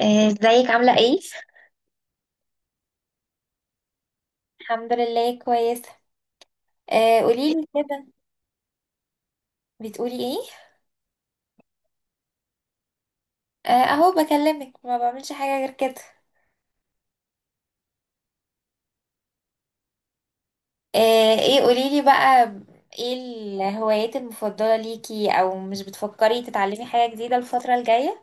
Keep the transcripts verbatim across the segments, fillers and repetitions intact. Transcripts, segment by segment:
آه، ازيك عاملة ايه؟ الحمد لله كويسة. آه، قوليلي كده. بتقولي ايه؟ آه، اهو بكلمك، ما بعملش حاجة غير كده. آه، ايه قوليلي بقى. ايه الهوايات المفضلة ليكي، او مش بتفكري تتعلمي حاجة جديدة الفترة الجاية؟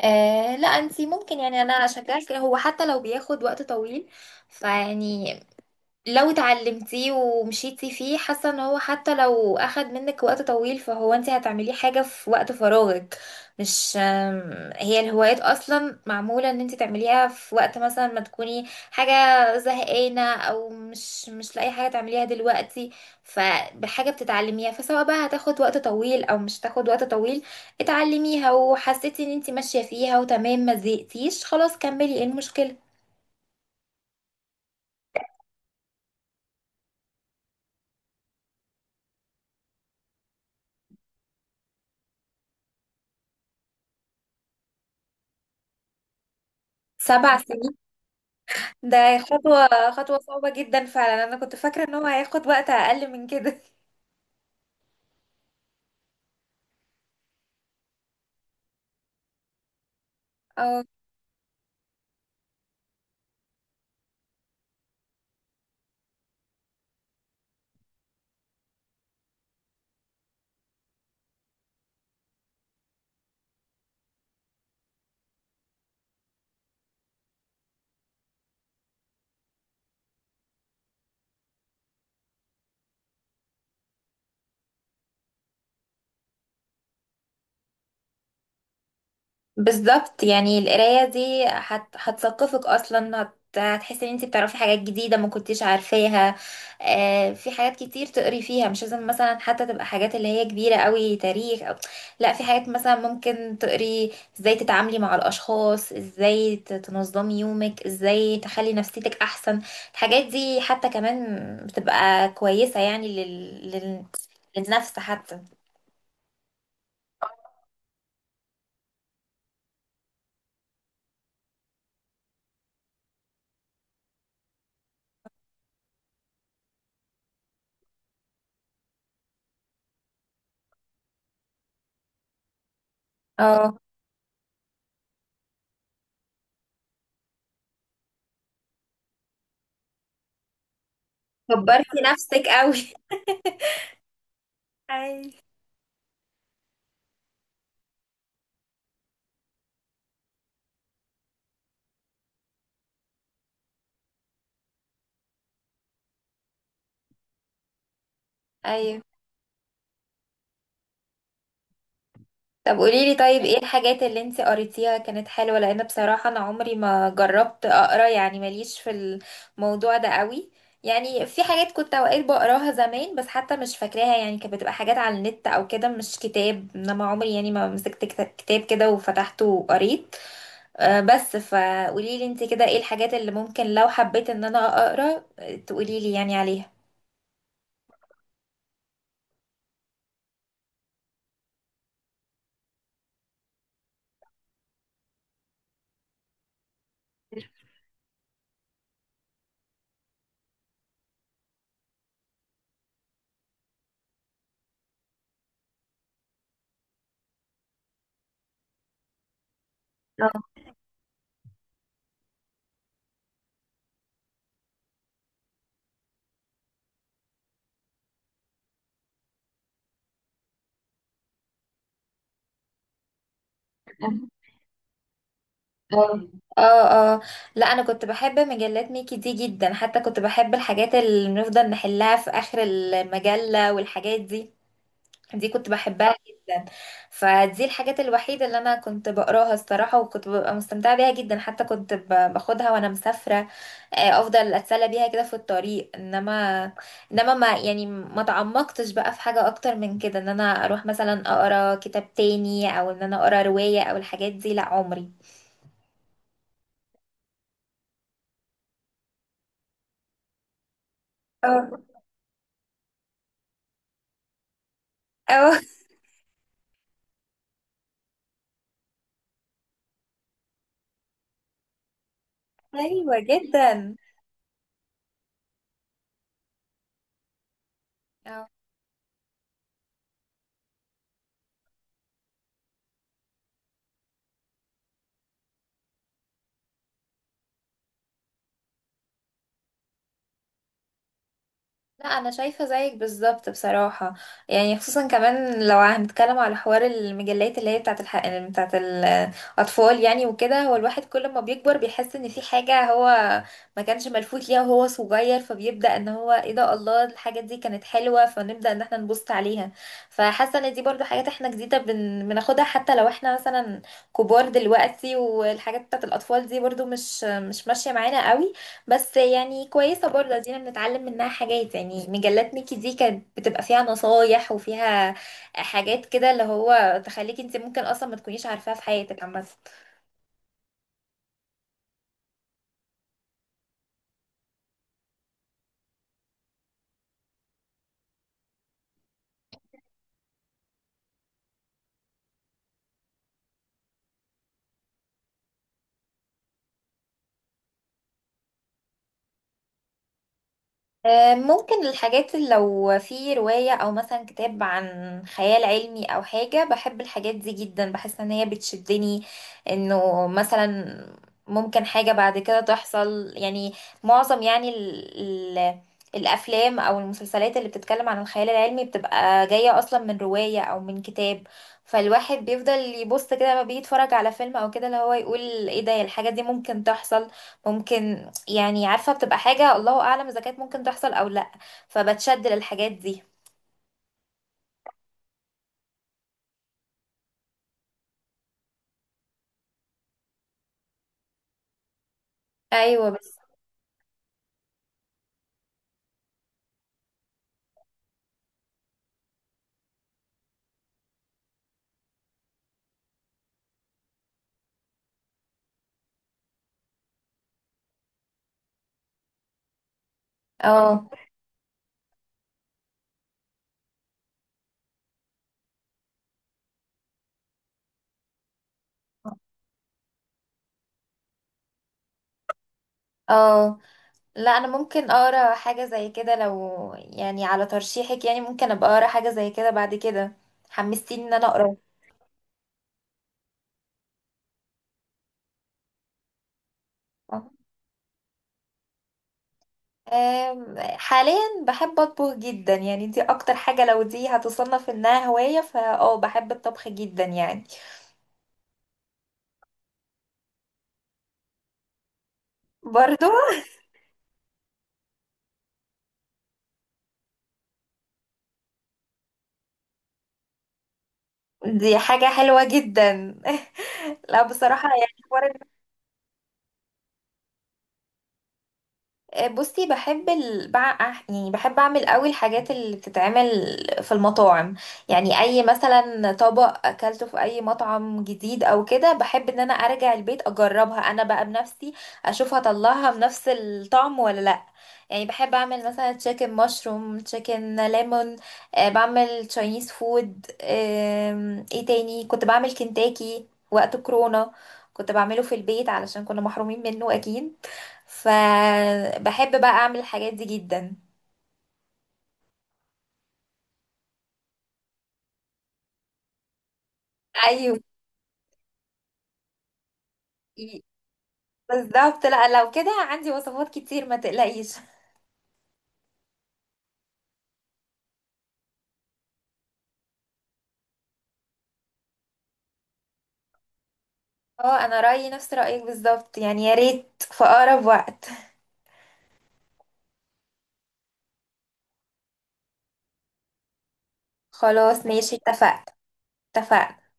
آه، لا انتي ممكن، يعني انا اشجعك هو حتى لو بياخد وقت طويل. فيعني لو اتعلمتيه ومشيتي فيه، حاسه ان هو حتى لو اخد منك وقت طويل فهو انت هتعمليه حاجه في وقت فراغك. مش أم، هي الهوايات اصلا معموله ان انت تعمليها في وقت مثلا ما تكوني حاجه زهقانه، او مش مش لاقي حاجه تعمليها دلوقتي. فبحاجه بتتعلميها، فسواء بقى هتاخد وقت طويل او مش هتاخد وقت طويل، اتعلميها وحسيتي ان انت ماشيه فيها وتمام، ما زهقتيش خلاص كملي ايه المشكله. سبع سنين؟ ده خطوة خطوة صعبة جدا فعلا. انا كنت فاكرة ان هو هياخد وقت اقل من كده. اه، بالظبط. يعني القراية دي هت... هتثقفك أصلا، هت... هتحسي إن انتي بتعرفي حاجات جديدة ما كنتيش عارفاها. آه، في حاجات كتير تقري فيها، مش لازم مثلا حتى تبقى حاجات اللي هي كبيرة قوي، تاريخ أو... لا في حاجات مثلا ممكن تقري ازاي تتعاملي مع الأشخاص، ازاي ت- تنظمي يومك، ازاي تخلي نفسيتك أحسن. الحاجات دي حتى كمان بتبقى كويسة، يعني لل... لل... للنفس حتى. اه، كبرتي نفسك قوي. أي. ايوه. طب قوليلي، طيب ايه الحاجات اللي انت قريتيها كانت حلوة؟ لان بصراحة انا عمري ما جربت اقرا، يعني ماليش في الموضوع ده قوي. يعني في حاجات كنت اوقات بقراها زمان، بس حتى مش فاكراها، يعني كانت بتبقى حاجات على النت او كده، مش كتاب. انما عمري يعني ما مسكت كت- كتاب كده وفتحته وقريت. آه، بس فقوليلي انت كده ايه الحاجات اللي ممكن لو حبيت ان انا اقرا، آه، تقوليلي يعني عليها. اه، اه. لا انا كنت بحب مجلات ميكي دي جدا، حتى كنت بحب الحاجات اللي بنفضل نحلها في اخر المجلة والحاجات دي، دي كنت بحبها جدا. فدي الحاجات الوحيدة اللي انا كنت بقراها الصراحة، وكنت ببقى مستمتعة بيها جدا، حتى كنت ب- باخدها وانا مسافرة. آه، افضل اتسلى بيها كده في الطريق. انما انما ما يعني ما تعمقتش بقى في حاجة اكتر من كده، ان انا اروح مثلا اقرا كتاب تاني، او ان انا اقرا رواية او الحاجات دي، لا عمري. اه، اه. ايوه جدا. أو. لا انا شايفه زيك بالظبط بصراحه. يعني خصوصا كمان لو هنتكلم على حوار المجلات اللي هي بتاعت الح... بتاعت الاطفال، يعني وكده هو الواحد كل ما بيكبر بيحس ان في حاجه هو ما كانش ملفوت ليها وهو صغير، فبيبدا ان هو ايه ده، الله، الحاجه دي كانت حلوه، فنبدا ان احنا نبص عليها. فحاسه ان دي برضو حاجات احنا جديده بن... بناخدها، حتى لو احنا مثلا كبار دلوقتي، والحاجات بتاعت الاطفال دي برضو مش مش ماشيه معانا قوي. بس يعني كويسة برضه، ادينا بنتعلم منها حاجات. يعني مجلات ميكي دي كانت بتبقى فيها نصايح، وفيها حاجات كده اللي هو تخليكي انت ممكن اصلا ما تكونيش عارفاها في حياتك عامة. آه، ممكن الحاجات اللي لو في رواية أو مثلا كتاب عن خيال علمي أو حاجة، بحب الحاجات دي جدا، بحس إن هي بتشدني. إنه مثلا ممكن حاجة بعد كده تحصل، يعني معظم يعني ال ال الأفلام أو المسلسلات اللي بتتكلم عن الخيال العلمي بتبقى جاية أصلا من رواية أو من كتاب. فالواحد بيفضل يبص كده لما بيتفرج على فيلم أو كده، اللي هو يقول إيه ده، الحاجة دي ممكن تحصل، ممكن، يعني عارفة بتبقى حاجة الله أعلم إذا كانت ممكن تحصل أو لأ. فبتشد للحاجات دي. أيوة بس. اه، اه. لا أنا ممكن أقرأ حاجة زي كده لو، يعني على ترشيحك، يعني ممكن أبقى أقرأ حاجة زي كده بعد كده. حمستيني إن أنا أقرأ. آه. آم، حاليا بحب أطبخ جدا. يعني دي أكتر حاجة، لو دي هتصنف إنها هواية فا اه بحب الطبخ جدا يعني. برضو. دي حاجة حلوة جدا. لا بصراحة يعني حوار. آه، بصي بحب ال... بع... يعني بحب اعمل قوي الحاجات اللي بتتعمل في المطاعم. يعني اي مثلا طبق اكلته في اي مطعم جديد او كده، بحب ان انا ارجع البيت اجربها انا بقى بنفسي، اشوف هطلعها بنفس الطعم ولا لا. يعني بحب اعمل مثلا تشيكن مشروم، تشيكن ليمون. أه بعمل تشاينيز فود. آم، ايه تاني، كنت بعمل كنتاكي وقت كورونا، كنت بعمله في البيت علشان كنا محرومين منه اكيد. فبحب بقى اعمل الحاجات دي جدا. ايوه بالظبط. لا لو كده عندي وصفات كتير ما تقلقيش. اه، انا رأيي نفس رأيك بالظبط، يعني يا ريت في اقرب وقت. خلاص ماشي، اتفقت. اتفقت.